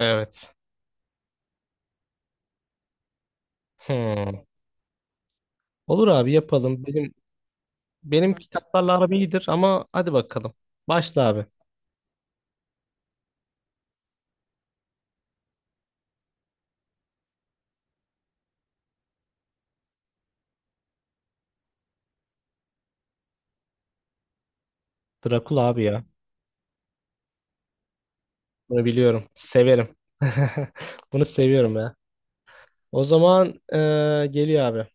Evet. Hmm. Olur abi, yapalım. Benim kitaplarla aram iyidir ama hadi bakalım. Başla abi. Drakula abi ya. Bunu biliyorum. Severim. Bunu seviyorum ya. O zaman geliyor abi.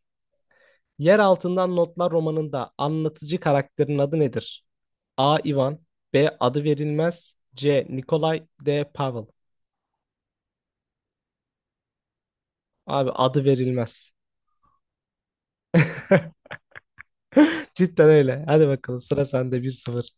Yer Altından Notlar romanında anlatıcı karakterin adı nedir? A. Ivan B. Adı verilmez C. Nikolay D. Pavel. Abi, adı verilmez. Cidden öyle. Hadi bakalım, sıra sende. 1-0.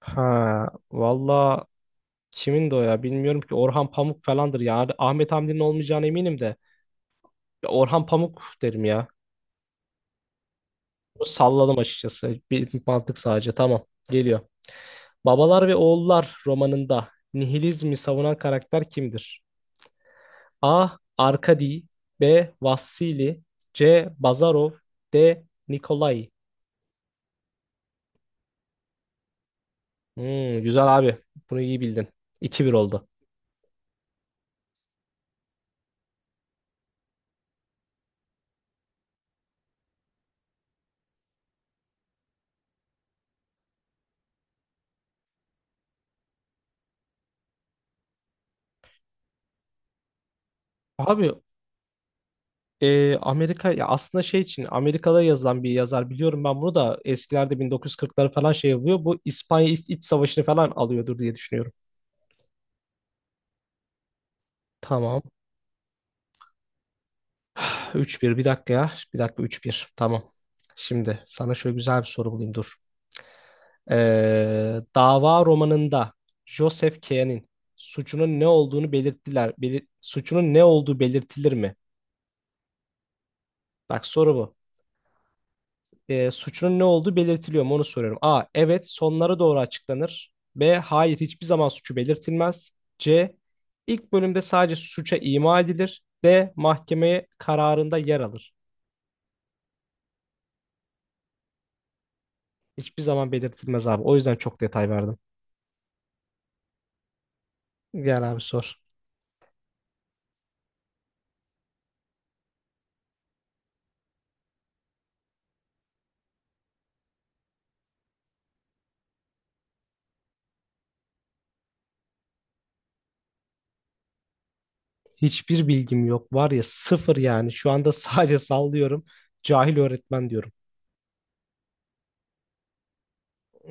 Ha, valla, kimin de o ya, bilmiyorum ki. Orhan Pamuk falandır ya. Ahmet Hamdi'nin olmayacağına eminim de. Ya, Orhan Pamuk derim ya. Salladım açıkçası. Bir mantık sadece, tamam, geliyor. Babalar ve Oğullar romanında nihilizmi savunan karakter kimdir? A. Arkadi B. Vassili C. Bazarov D. Nikolai. Hmm, güzel abi. Bunu iyi bildin. 2-1 oldu. Abi, Amerika ya, aslında şey için Amerika'da yazılan bir yazar biliyorum, ben bunu da eskilerde 1940'ları falan şey yapıyor. Bu İspanya İç Savaşı'nı falan alıyordur diye düşünüyorum. Tamam. 3-1. Bir dakika ya. Bir dakika, 3-1. Tamam. Şimdi sana şöyle güzel bir soru bulayım, dur. Dava romanında Joseph K'nin suçunun ne olduğunu belirttiler. Suçunun ne olduğu belirtilir mi? Bak, soru bu. Suçunun ne olduğu belirtiliyor mu, onu soruyorum. A. Evet, sonlara doğru açıklanır. B. Hayır, hiçbir zaman suçu belirtilmez. C. İlk bölümde sadece suça ima edilir. D. Mahkemeye kararında yer alır. Hiçbir zaman belirtilmez abi. O yüzden çok detay verdim. Gel abi, sor. Hiçbir bilgim yok. Var ya, sıfır yani. Şu anda sadece sallıyorum. Cahil öğretmen diyorum.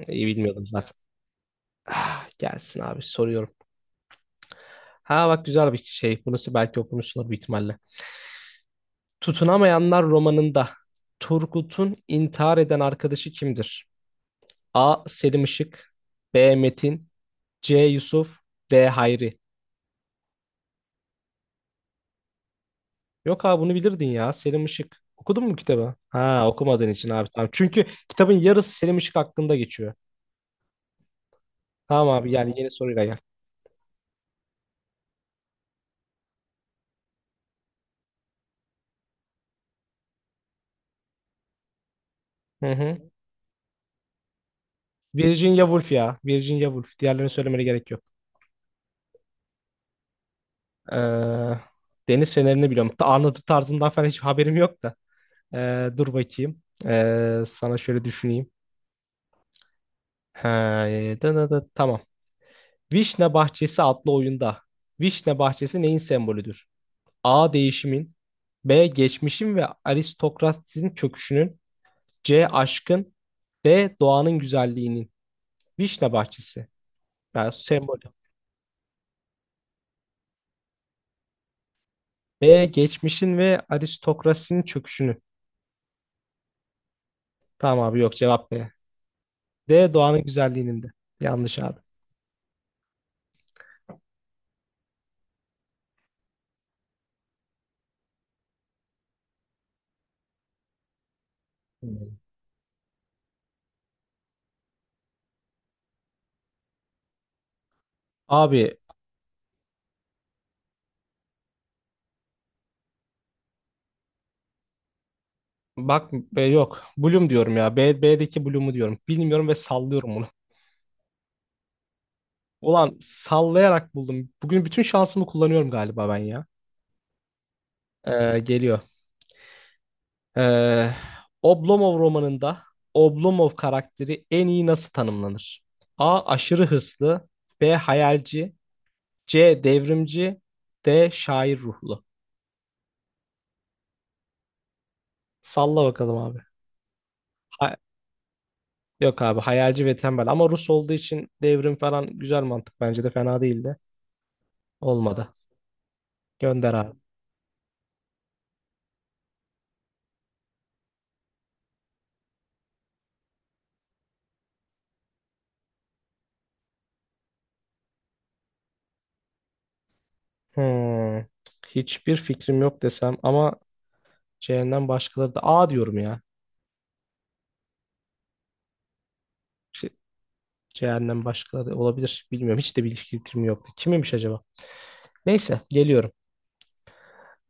İyi bilmiyordum zaten. Ah, gelsin abi, soruyorum. Ha bak, güzel bir şey. Bunu belki okumuşsunuz bir ihtimalle. Tutunamayanlar romanında Turgut'un intihar eden arkadaşı kimdir? A. Selim Işık B. Metin C. Yusuf D. Hayri. Yok abi, bunu bilirdin ya, Selim Işık. Okudun mu kitabı? Ha, okumadığın için abi, tamam. Çünkü kitabın yarısı Selim Işık hakkında geçiyor. Tamam abi, yani yeni soruyla gel. Hı hı. Virginia Woolf ya. Virginia Woolf. Diğerlerini söylemene gerek yok. Ee, Deniz Feneri'ni biliyorum. Anlatım tarzından falan hiç haberim yok da. Dur bakayım. Sana şöyle düşüneyim. He, tamam. Vişne bahçesi adlı oyunda. Vişne bahçesi neyin sembolüdür? A. Değişimin. B. Geçmişin ve aristokrasinin çöküşünün. C. Aşkın. D. Doğanın güzelliğinin. Vişne bahçesi. Yani sembolü. B. Geçmişin ve aristokrasinin çöküşünün. Tamam abi, yok, cevap B. D. Doğanın güzelliğinin de. Yanlış abi. Hmm. Abi bak, Yok. Bloom diyorum ya. B, B'deki Bloom'u diyorum. Bilmiyorum ve sallıyorum. Ulan, sallayarak buldum. Bugün bütün şansımı kullanıyorum galiba ben ya. Geliyor. Ee, Oblomov romanında Oblomov karakteri en iyi nasıl tanımlanır? A. Aşırı hırslı. B. Hayalci. C. Devrimci. D. Şair ruhlu. Salla bakalım abi. Ha- Yok abi, hayalci ve tembel, ama Rus olduğu için devrim falan güzel mantık, bence de fena değildi. Olmadı. Gönder abi. Hmm. Hiçbir fikrim yok desem ama C'den başkaları da, A diyorum ya. Şey, C'den başkaları da olabilir. Bilmiyorum. Hiç de bir fikrim yoktu. Kimmiş acaba? Neyse, geliyorum.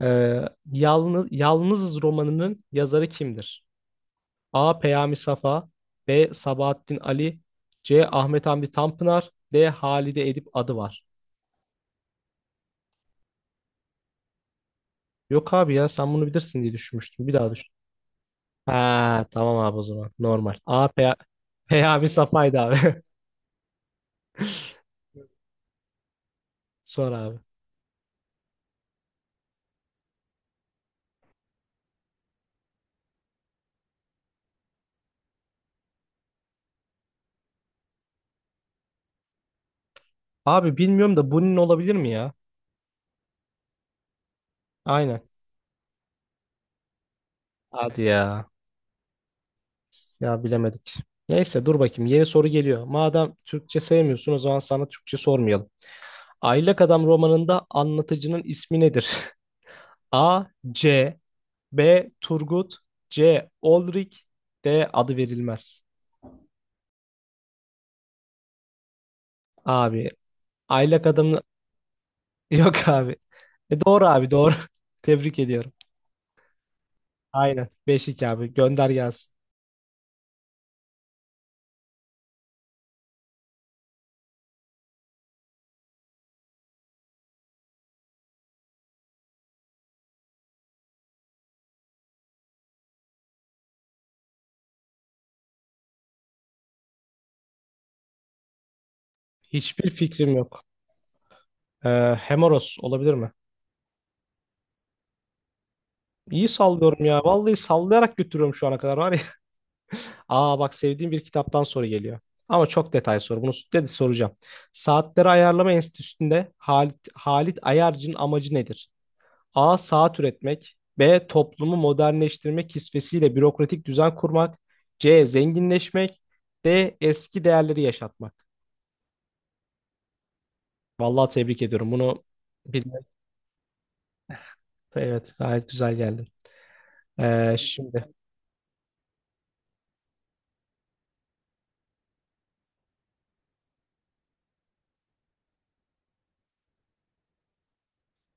Ee, Yalnız, Yalnızız romanının yazarı kimdir? A. Peyami Safa B. Sabahattin Ali C. Ahmet Hamdi Tanpınar D. Halide Edip adı var. Yok abi ya, sen bunu bilirsin diye düşünmüştüm. Bir daha düşün. Ha, tamam abi o zaman. Normal. A. Peyami Safa'ydı abi. Sor abi. Abi bilmiyorum da, bunun olabilir mi ya? Aynen. Hadi ya. Ya bilemedik. Neyse, dur bakayım. Yeni soru geliyor. Madem Türkçe sevmiyorsun, o zaman sana Türkçe sormayalım. Aylak Adam romanında anlatıcının ismi nedir? A. C. B. Turgut. C. Olrik. D. Adı verilmez. Abi. Aylak Adam'ın... Yok abi. E, doğru abi, doğru. Tebrik ediyorum. Aynen. 5-2 abi. Gönder gelsin. Hiçbir fikrim yok. Hemoros olabilir mi? İyi sallıyorum ya. Vallahi sallayarak götürüyorum şu ana kadar var. Aa bak, sevdiğim bir kitaptan soru geliyor. Ama çok detay soru. Bunu dedi soracağım. Saatleri Ayarlama Enstitüsü'nde Halit Ayarcı'nın amacı nedir? A. Saat üretmek. B. Toplumu modernleştirmek kisvesiyle bürokratik düzen kurmak. C. Zenginleşmek. D. Eski değerleri yaşatmak. Vallahi tebrik ediyorum. Bunu bilmek, evet, gayet güzel geldi. Şimdi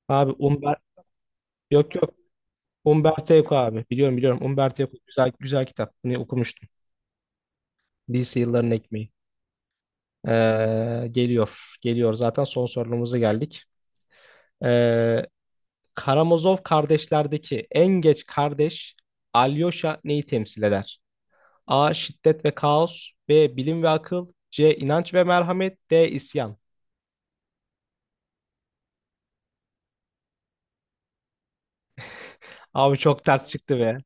abi, yok yok, Umberto Eco abi, biliyorum biliyorum. Umberto Eco, güzel güzel kitap. Bunu okumuştum. Lise yılların ekmeği. Geliyor. Geliyor zaten, son sorumuza geldik. Ee, Karamazov kardeşlerdeki en geç kardeş Alyosha neyi temsil eder? A. Şiddet ve kaos. B. Bilim ve akıl. C. İnanç ve merhamet. D. İsyan. Abi çok ters çıktı be.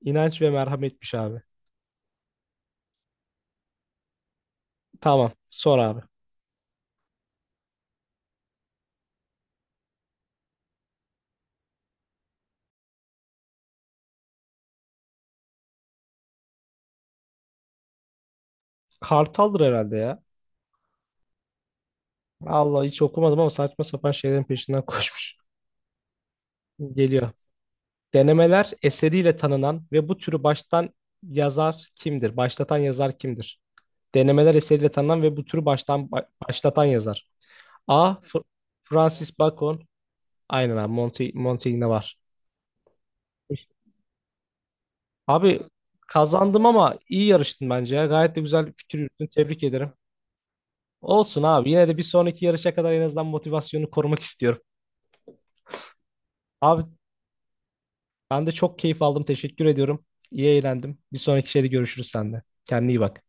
İnanç ve merhametmiş abi. Tamam. Sor abi. Kartaldır herhalde ya. Allah, hiç okumadım ama saçma sapan şeylerin peşinden koşmuş. Geliyor. Denemeler eseriyle tanınan ve bu türü baştan yazar kimdir? Başlatan yazar kimdir? Denemeler eseriyle tanınan ve bu türü baştan başlatan yazar. A. Francis Bacon. Aynen abi. Monty var. Abi kazandım ama iyi yarıştın bence ya. Gayet de güzel bir fikir yürüttün. Tebrik ederim. Olsun abi. Yine de bir sonraki yarışa kadar en azından motivasyonu korumak istiyorum. Abi ben de çok keyif aldım. Teşekkür ediyorum. İyi eğlendim. Bir sonraki şeyde görüşürüz sende. Kendine iyi bak.